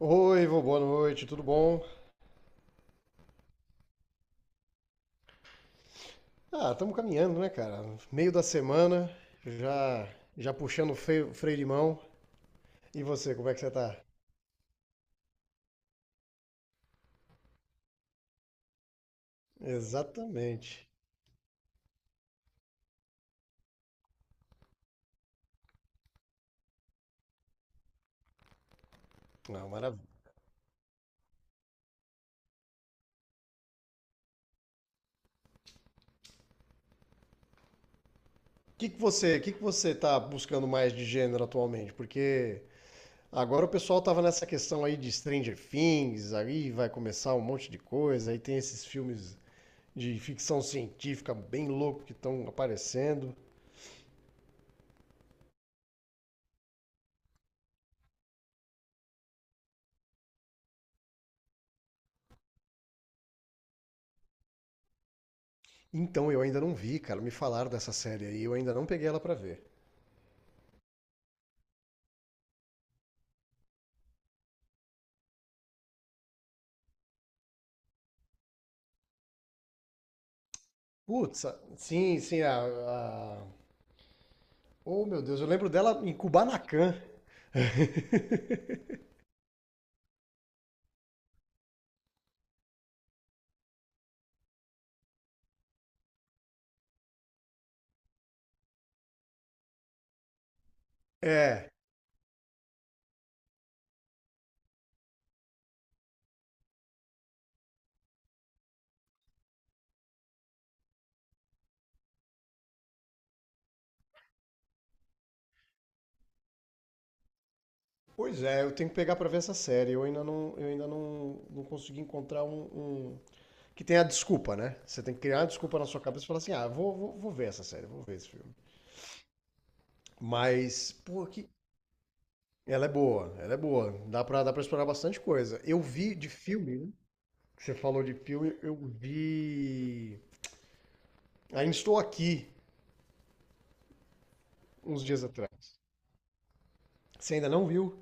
Oi, vô, boa noite, tudo bom? Ah, estamos caminhando, né, cara? Meio da semana, já já puxando o freio, freio de mão. E você, como é que você tá? Exatamente. Ah, maravilha. O que que você tá buscando mais de gênero atualmente? Porque agora o pessoal tava nessa questão aí de Stranger Things, aí vai começar um monte de coisa, aí tem esses filmes de ficção científica bem louco que estão aparecendo. Então eu ainda não vi, cara. Me falaram dessa série aí, eu ainda não peguei ela pra ver. Putz, sim, sim. A- Oh, meu Deus, eu lembro dela em Kubanacan. É, pois é, eu tenho que pegar pra ver essa série. Eu ainda não consegui encontrar um que tenha a desculpa, né? Você tem que criar uma desculpa na sua cabeça e falar assim: ah, vou ver essa série, vou ver esse filme. Mas, pô, ela é boa, ela é boa. Dá pra explorar bastante coisa. Eu vi de filme, né? Você falou de filme, eu vi. Ainda estou aqui uns dias atrás. Você ainda não viu?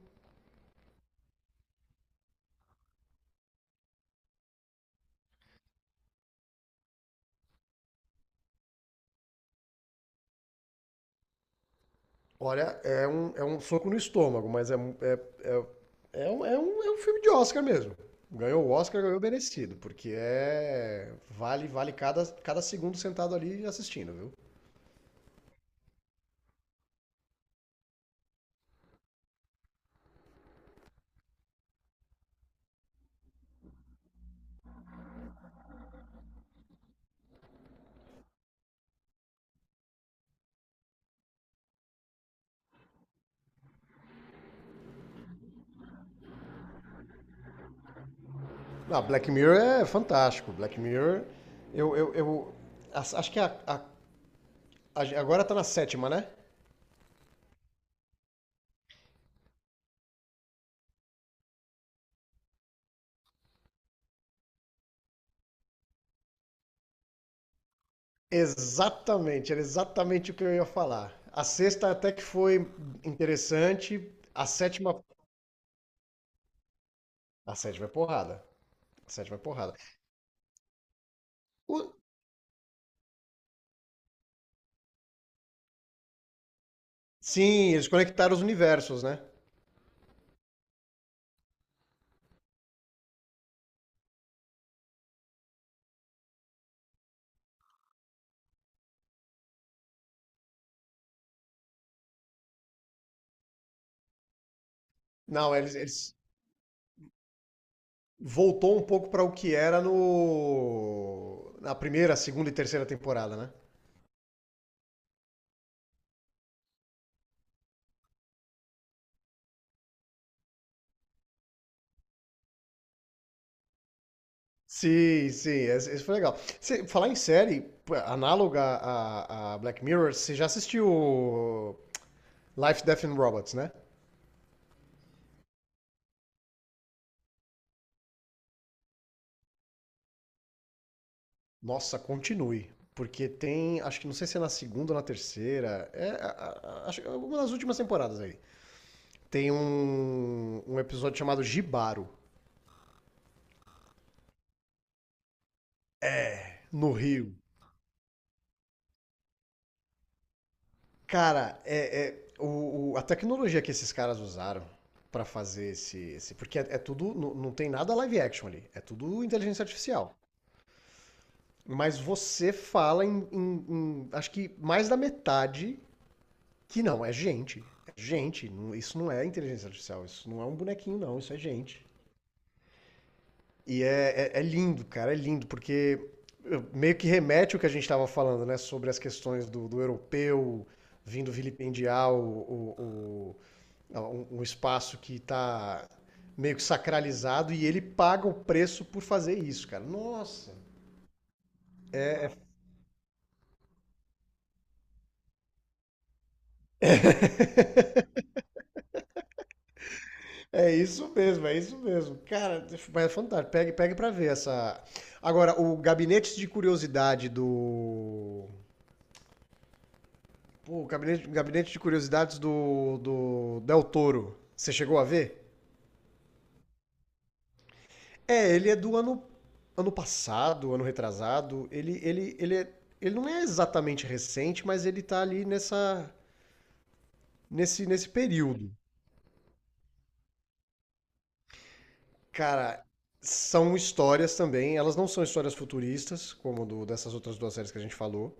Olha, é um soco no estômago, mas é um filme de Oscar mesmo. Ganhou o Oscar, ganhou merecido, porque é. Vale, vale cada, cada segundo sentado ali assistindo, viu? Ah, Black Mirror é fantástico. Black Mirror, eu. Eu as- acho que a- Agora tá na sétima, né? Exatamente, era exatamente o que eu ia falar. A sexta até que foi interessante, a sétima. A sétima é porrada. A sétima é porrada. O- Sim, eles conectaram os universos, né? Não, eles voltou um pouco para o que era no na primeira, segunda e terceira temporada, né? Sim, sim, esse foi legal. Você, falar em série pô, análoga a Black Mirror, você já assistiu Life, Death and Robots, né? Nossa, continue. Porque tem, acho que não sei se é na segunda ou na terceira, acho que é uma das últimas temporadas aí. Tem um episódio chamado Gibaro, no Rio. Cara, a tecnologia que esses caras usaram pra fazer porque é, é tudo, não, não tem nada live action ali, é tudo inteligência artificial. Mas você fala acho que mais da metade que não é gente, é gente. Isso não é inteligência artificial, isso não é um bonequinho não, isso é gente. E é lindo, cara, é lindo porque meio que remete o que a gente estava falando, né, sobre as questões do, do europeu vindo vilipendiar É um espaço que está meio que sacralizado e ele paga o preço por fazer isso, cara. Nossa! É isso mesmo, é isso mesmo. Cara, mas é fantástico. Pegue pra ver essa. Agora, o gabinete de curiosidade do. Pô, o gabinete de curiosidades do, do Del Toro. Você chegou a ver? É, ele é do ano, ano passado, ano retrasado. Ele não é exatamente recente, mas ele tá ali nessa, nesse período. Cara, são histórias também. Elas não são histórias futuristas, como dessas outras duas séries que a gente falou,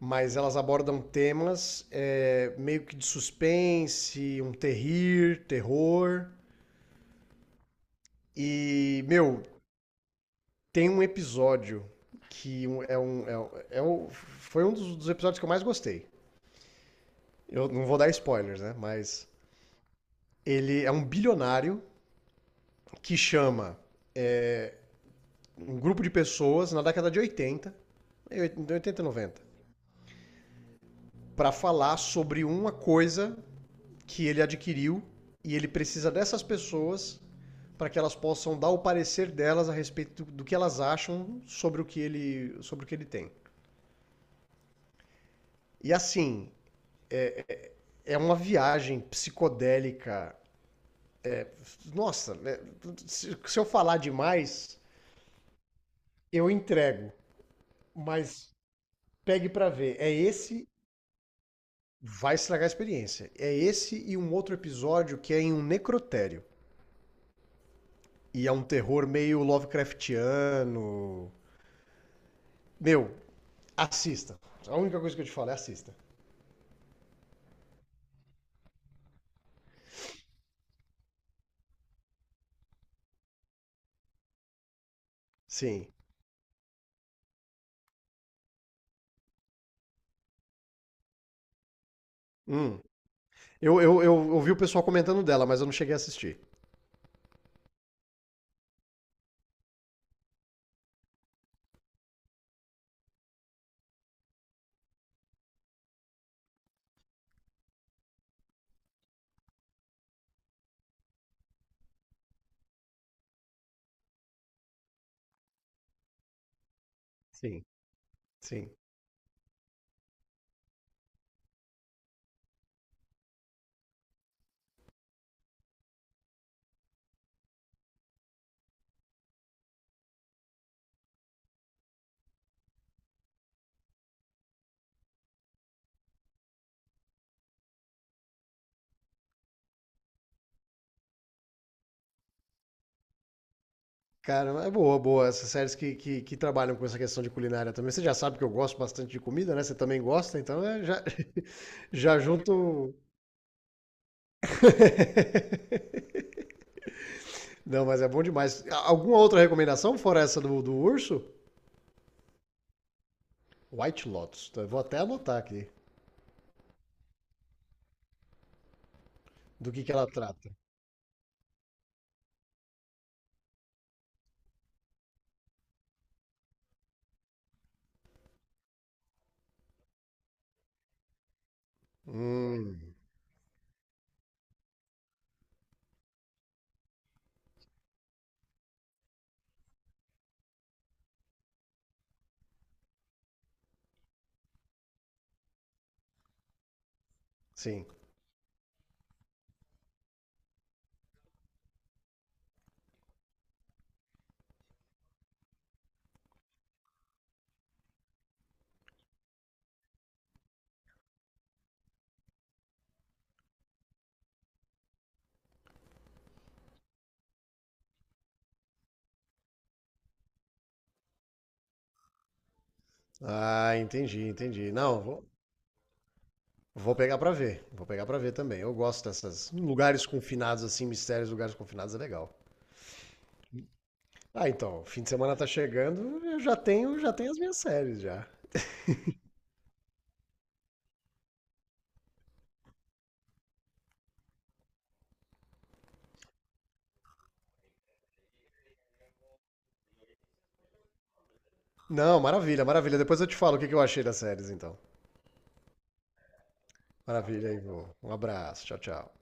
mas elas abordam temas é, meio que de suspense, um terror. E, meu, tem um episódio que foi um dos, dos episódios que eu mais gostei. Eu não vou dar spoilers, né? Mas ele é um bilionário que chama um grupo de pessoas na década de 80, 80, 90. Para falar sobre uma coisa que ele adquiriu e ele precisa dessas pessoas para que elas possam dar o parecer delas a respeito do que elas acham sobre o que ele, sobre o que ele tem. E assim, é uma viagem psicodélica. Nossa, né? se eu falar demais, eu entrego, mas pegue pra ver. É esse vai estragar a experiência. É esse e um outro episódio que é em um necrotério. E é um terror meio Lovecraftiano. Meu, assista. A única coisa que eu te falo é assista. Sim. Hum. Eu ouvi o pessoal comentando dela, mas eu não cheguei a assistir. Sim, sim. Cara, é boa, boa. Essas séries que trabalham com essa questão de culinária também. Você já sabe que eu gosto bastante de comida, né? Você também gosta, então é, já, já junto. Não, mas é bom demais. Alguma outra recomendação, fora essa do, do urso? White Lotus. Tá? Eu vou até anotar aqui do que ela trata. Hum, sim. Ah, entendi, entendi. Não, vou, vou pegar pra ver. Vou pegar pra ver também. Eu gosto dessas lugares confinados assim, mistérios, lugares confinados é legal. Ah, então, fim de semana tá chegando, já tenho as minhas séries já. Não, maravilha, maravilha. Depois eu te falo o que que eu achei das séries então. Maravilha, Ivo. Um abraço. Tchau, tchau.